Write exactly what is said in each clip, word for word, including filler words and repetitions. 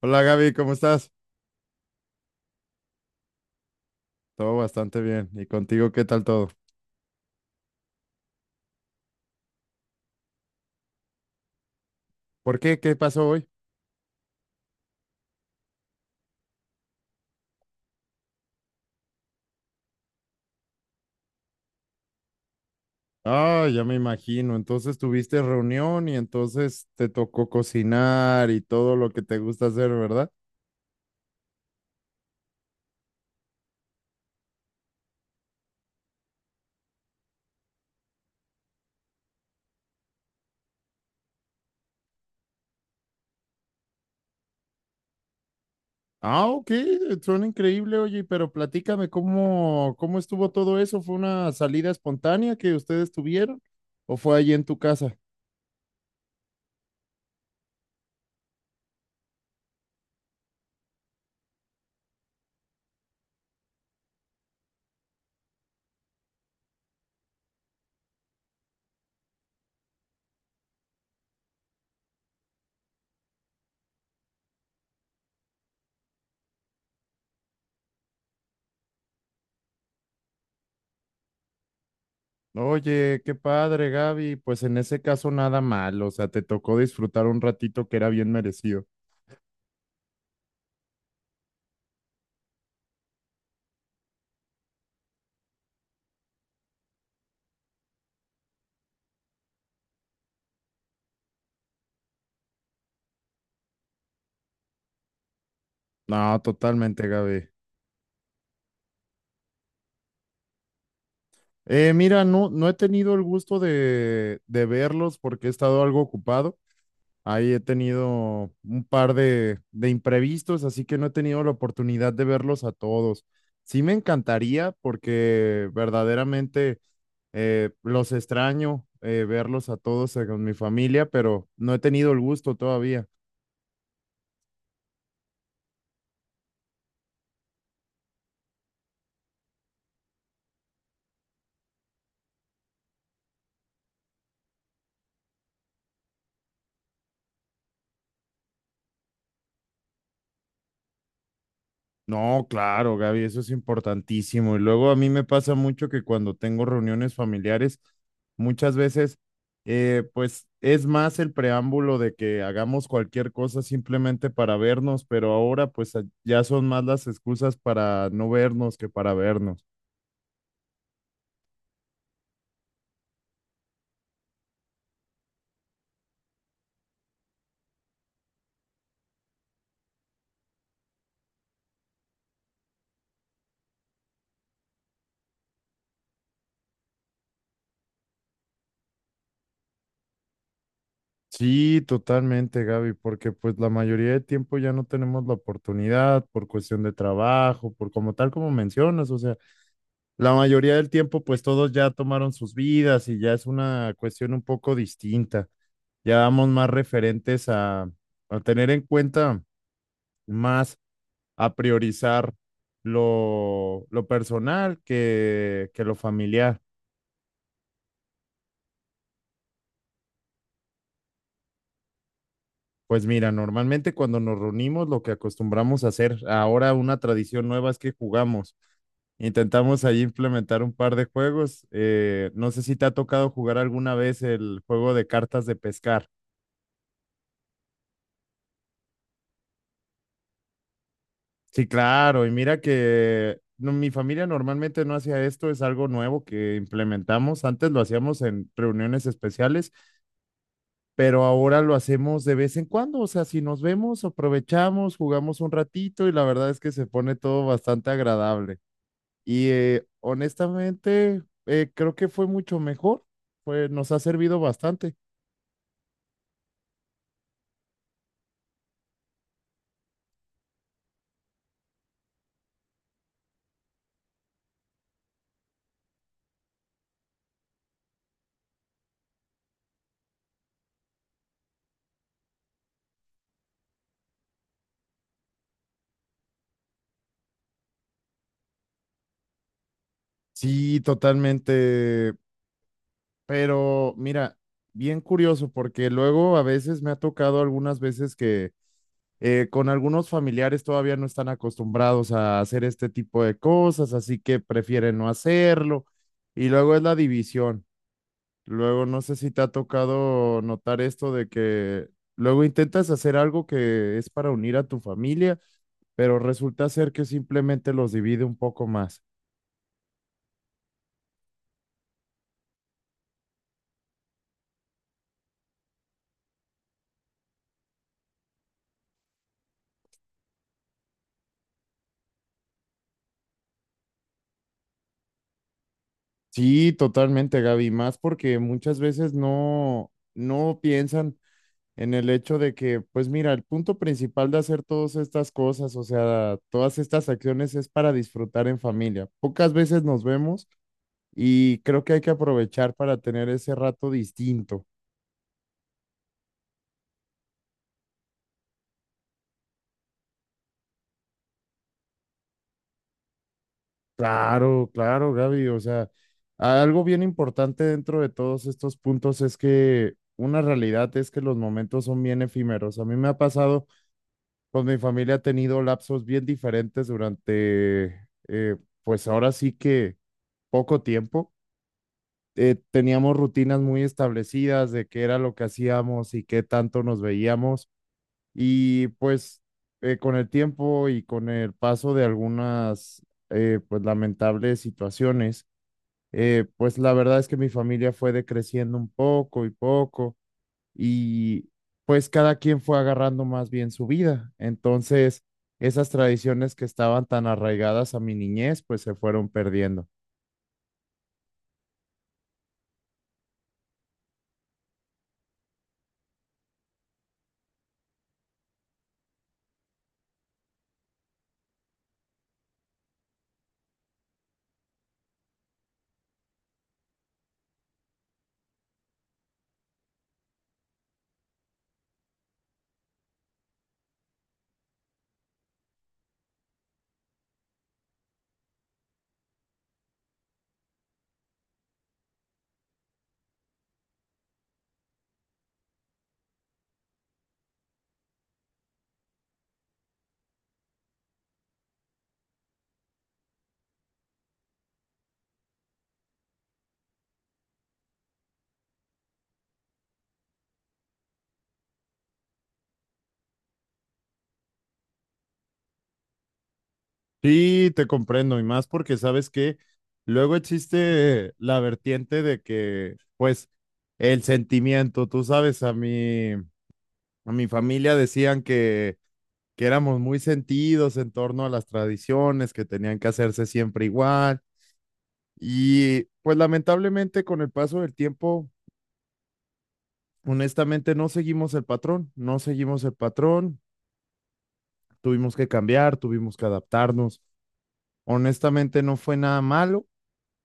Hola Gaby, ¿cómo estás? Todo bastante bien. ¿Y contigo qué tal todo? ¿Por qué? ¿Qué pasó hoy? Ah, ya me imagino. Entonces tuviste reunión y entonces te tocó cocinar y todo lo que te gusta hacer, ¿verdad? Ah, ok, suena increíble, oye, pero platícame cómo, cómo estuvo todo eso. ¿Fue una salida espontánea que ustedes tuvieron o fue allí en tu casa? Oye, qué padre, Gaby. Pues en ese caso nada mal, o sea, te tocó disfrutar un ratito que era bien merecido. No, totalmente, Gaby. Eh, mira, no, no he tenido el gusto de, de verlos porque he estado algo ocupado. Ahí he tenido un par de, de imprevistos, así que no he tenido la oportunidad de verlos a todos. Sí me encantaría porque verdaderamente eh, los extraño eh, verlos a todos eh, con mi familia, pero no he tenido el gusto todavía. No, claro, Gaby, eso es importantísimo. Y luego a mí me pasa mucho que cuando tengo reuniones familiares, muchas veces, eh, pues es más el preámbulo de que hagamos cualquier cosa simplemente para vernos, pero ahora pues a- ya son más las excusas para no vernos que para vernos. Sí, totalmente, Gaby, porque pues la mayoría de tiempo ya no tenemos la oportunidad por cuestión de trabajo, por como tal como mencionas, o sea, la mayoría del tiempo, pues todos ya tomaron sus vidas y ya es una cuestión un poco distinta. Ya vamos más referentes a, a tener en cuenta más, a priorizar lo, lo personal que, que lo familiar. Pues mira, normalmente cuando nos reunimos, lo que acostumbramos a hacer, ahora una tradición nueva es que jugamos. Intentamos ahí implementar un par de juegos. Eh, no sé si te ha tocado jugar alguna vez el juego de cartas de pescar. Sí, claro, y mira que no, mi familia normalmente no hacía esto, es algo nuevo que implementamos. Antes lo hacíamos en reuniones especiales, pero ahora lo hacemos de vez en cuando. O sea, si nos vemos, aprovechamos, jugamos un ratito y la verdad es que se pone todo bastante agradable. Y eh, honestamente, eh, creo que fue mucho mejor, pues nos ha servido bastante. Sí, totalmente, pero mira, bien curioso porque luego a veces me ha tocado algunas veces que Eh, con algunos familiares todavía no están acostumbrados a hacer este tipo de cosas, así que prefieren no hacerlo. Y luego es la división. Luego no sé si te ha tocado notar esto de que luego intentas hacer algo que es para unir a tu familia, pero resulta ser que simplemente los divide un poco más. Sí, totalmente, Gaby, más porque muchas veces no, no piensan en el hecho de que, pues mira, el punto principal de hacer todas estas cosas, o sea, todas estas acciones es para disfrutar en familia. Pocas veces nos vemos y creo que hay que aprovechar para tener ese rato distinto. Claro, claro, Gaby, o sea, algo bien importante dentro de todos estos puntos es que una realidad es que los momentos son bien efímeros. A mí me ha pasado, pues mi familia ha tenido lapsos bien diferentes durante, eh, pues ahora sí que poco tiempo. Eh, teníamos rutinas muy establecidas de qué era lo que hacíamos y qué tanto nos veíamos. Y pues eh, con el tiempo y con el paso de algunas eh, pues lamentables situaciones, eh, pues la verdad es que mi familia fue decreciendo un poco y poco y pues cada quien fue agarrando más bien su vida. Entonces, esas tradiciones que estaban tan arraigadas a mi niñez, pues se fueron perdiendo. Sí, te comprendo, y más porque sabes que luego existe la vertiente de que, pues, el sentimiento, tú sabes, a mi, a mi familia decían que, que éramos muy sentidos en torno a las tradiciones, que tenían que hacerse siempre igual, y pues lamentablemente con el paso del tiempo, honestamente, no seguimos el patrón, no seguimos el patrón, tuvimos que cambiar, tuvimos que adaptarnos, honestamente no fue nada malo,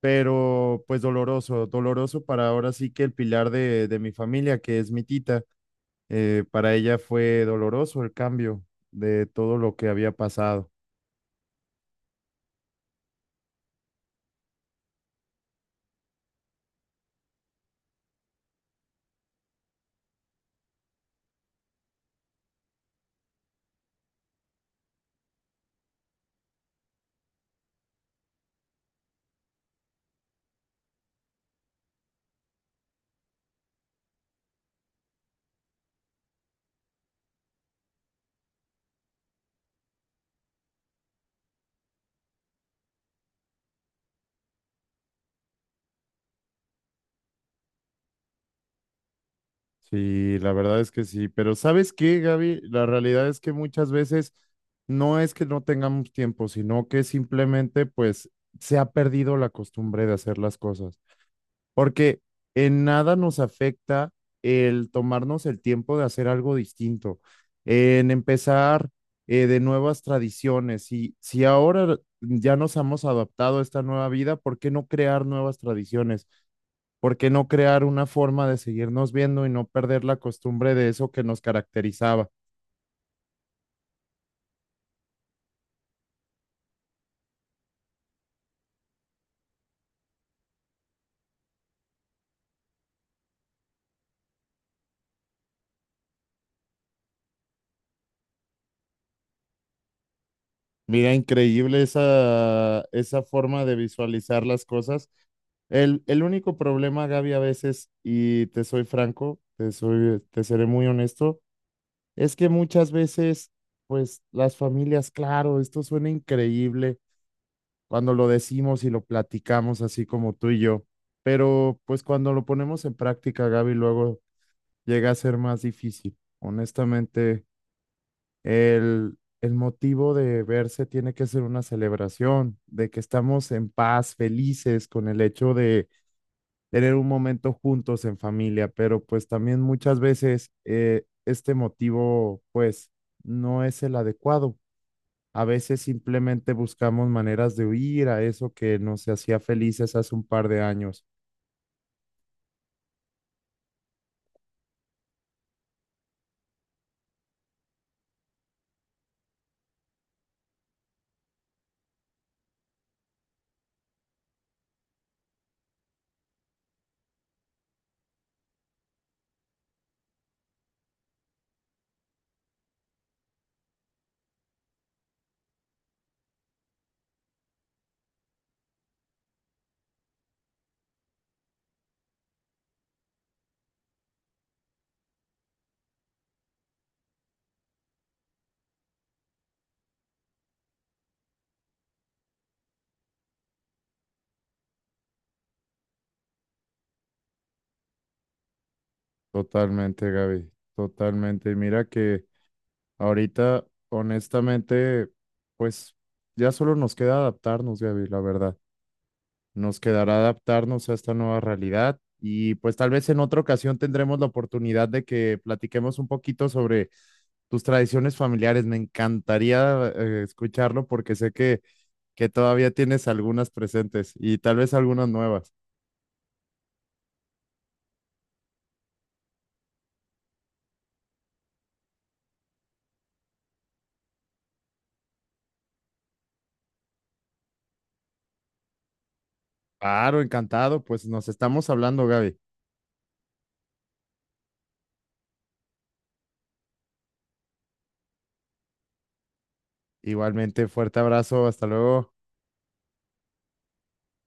pero pues doloroso, doloroso para ahora sí que el pilar de, de mi familia, que es mi tita, eh, para ella fue doloroso el cambio de todo lo que había pasado. Sí, la verdad es que sí, pero ¿sabes qué, Gaby? La realidad es que muchas veces no es que no tengamos tiempo, sino que simplemente pues se ha perdido la costumbre de hacer las cosas. Porque en nada nos afecta el tomarnos el tiempo de hacer algo distinto, en empezar eh, de nuevas tradiciones. Y si ahora ya nos hemos adaptado a esta nueva vida, ¿por qué no crear nuevas tradiciones? ¿Por qué no crear una forma de seguirnos viendo y no perder la costumbre de eso que nos caracterizaba? Mira, increíble esa, esa forma de visualizar las cosas. El, el único problema, Gaby, a veces, y te soy franco, te soy, te seré muy honesto, es que muchas veces, pues las familias, claro, esto suena increíble cuando lo decimos y lo platicamos así como tú y yo, pero pues cuando lo ponemos en práctica, Gaby, luego llega a ser más difícil. Honestamente. El, el motivo de verse tiene que ser una celebración, de que estamos en paz, felices con el hecho de tener un momento juntos en familia, pero pues también muchas veces eh, este motivo pues no es el adecuado. A veces simplemente buscamos maneras de huir a eso que nos hacía felices hace un par de años. Totalmente, Gaby, totalmente. Y mira que... Ahorita, honestamente, pues ya solo nos queda adaptarnos, Gaby, la verdad. Nos quedará adaptarnos a esta nueva realidad y pues tal vez en otra ocasión tendremos la oportunidad de que platiquemos un poquito sobre tus tradiciones familiares. Me encantaría eh, escucharlo porque sé que, que todavía tienes algunas presentes y tal vez algunas nuevas. Claro, encantado. Pues nos estamos hablando, Gaby. Igualmente, fuerte abrazo. Hasta luego.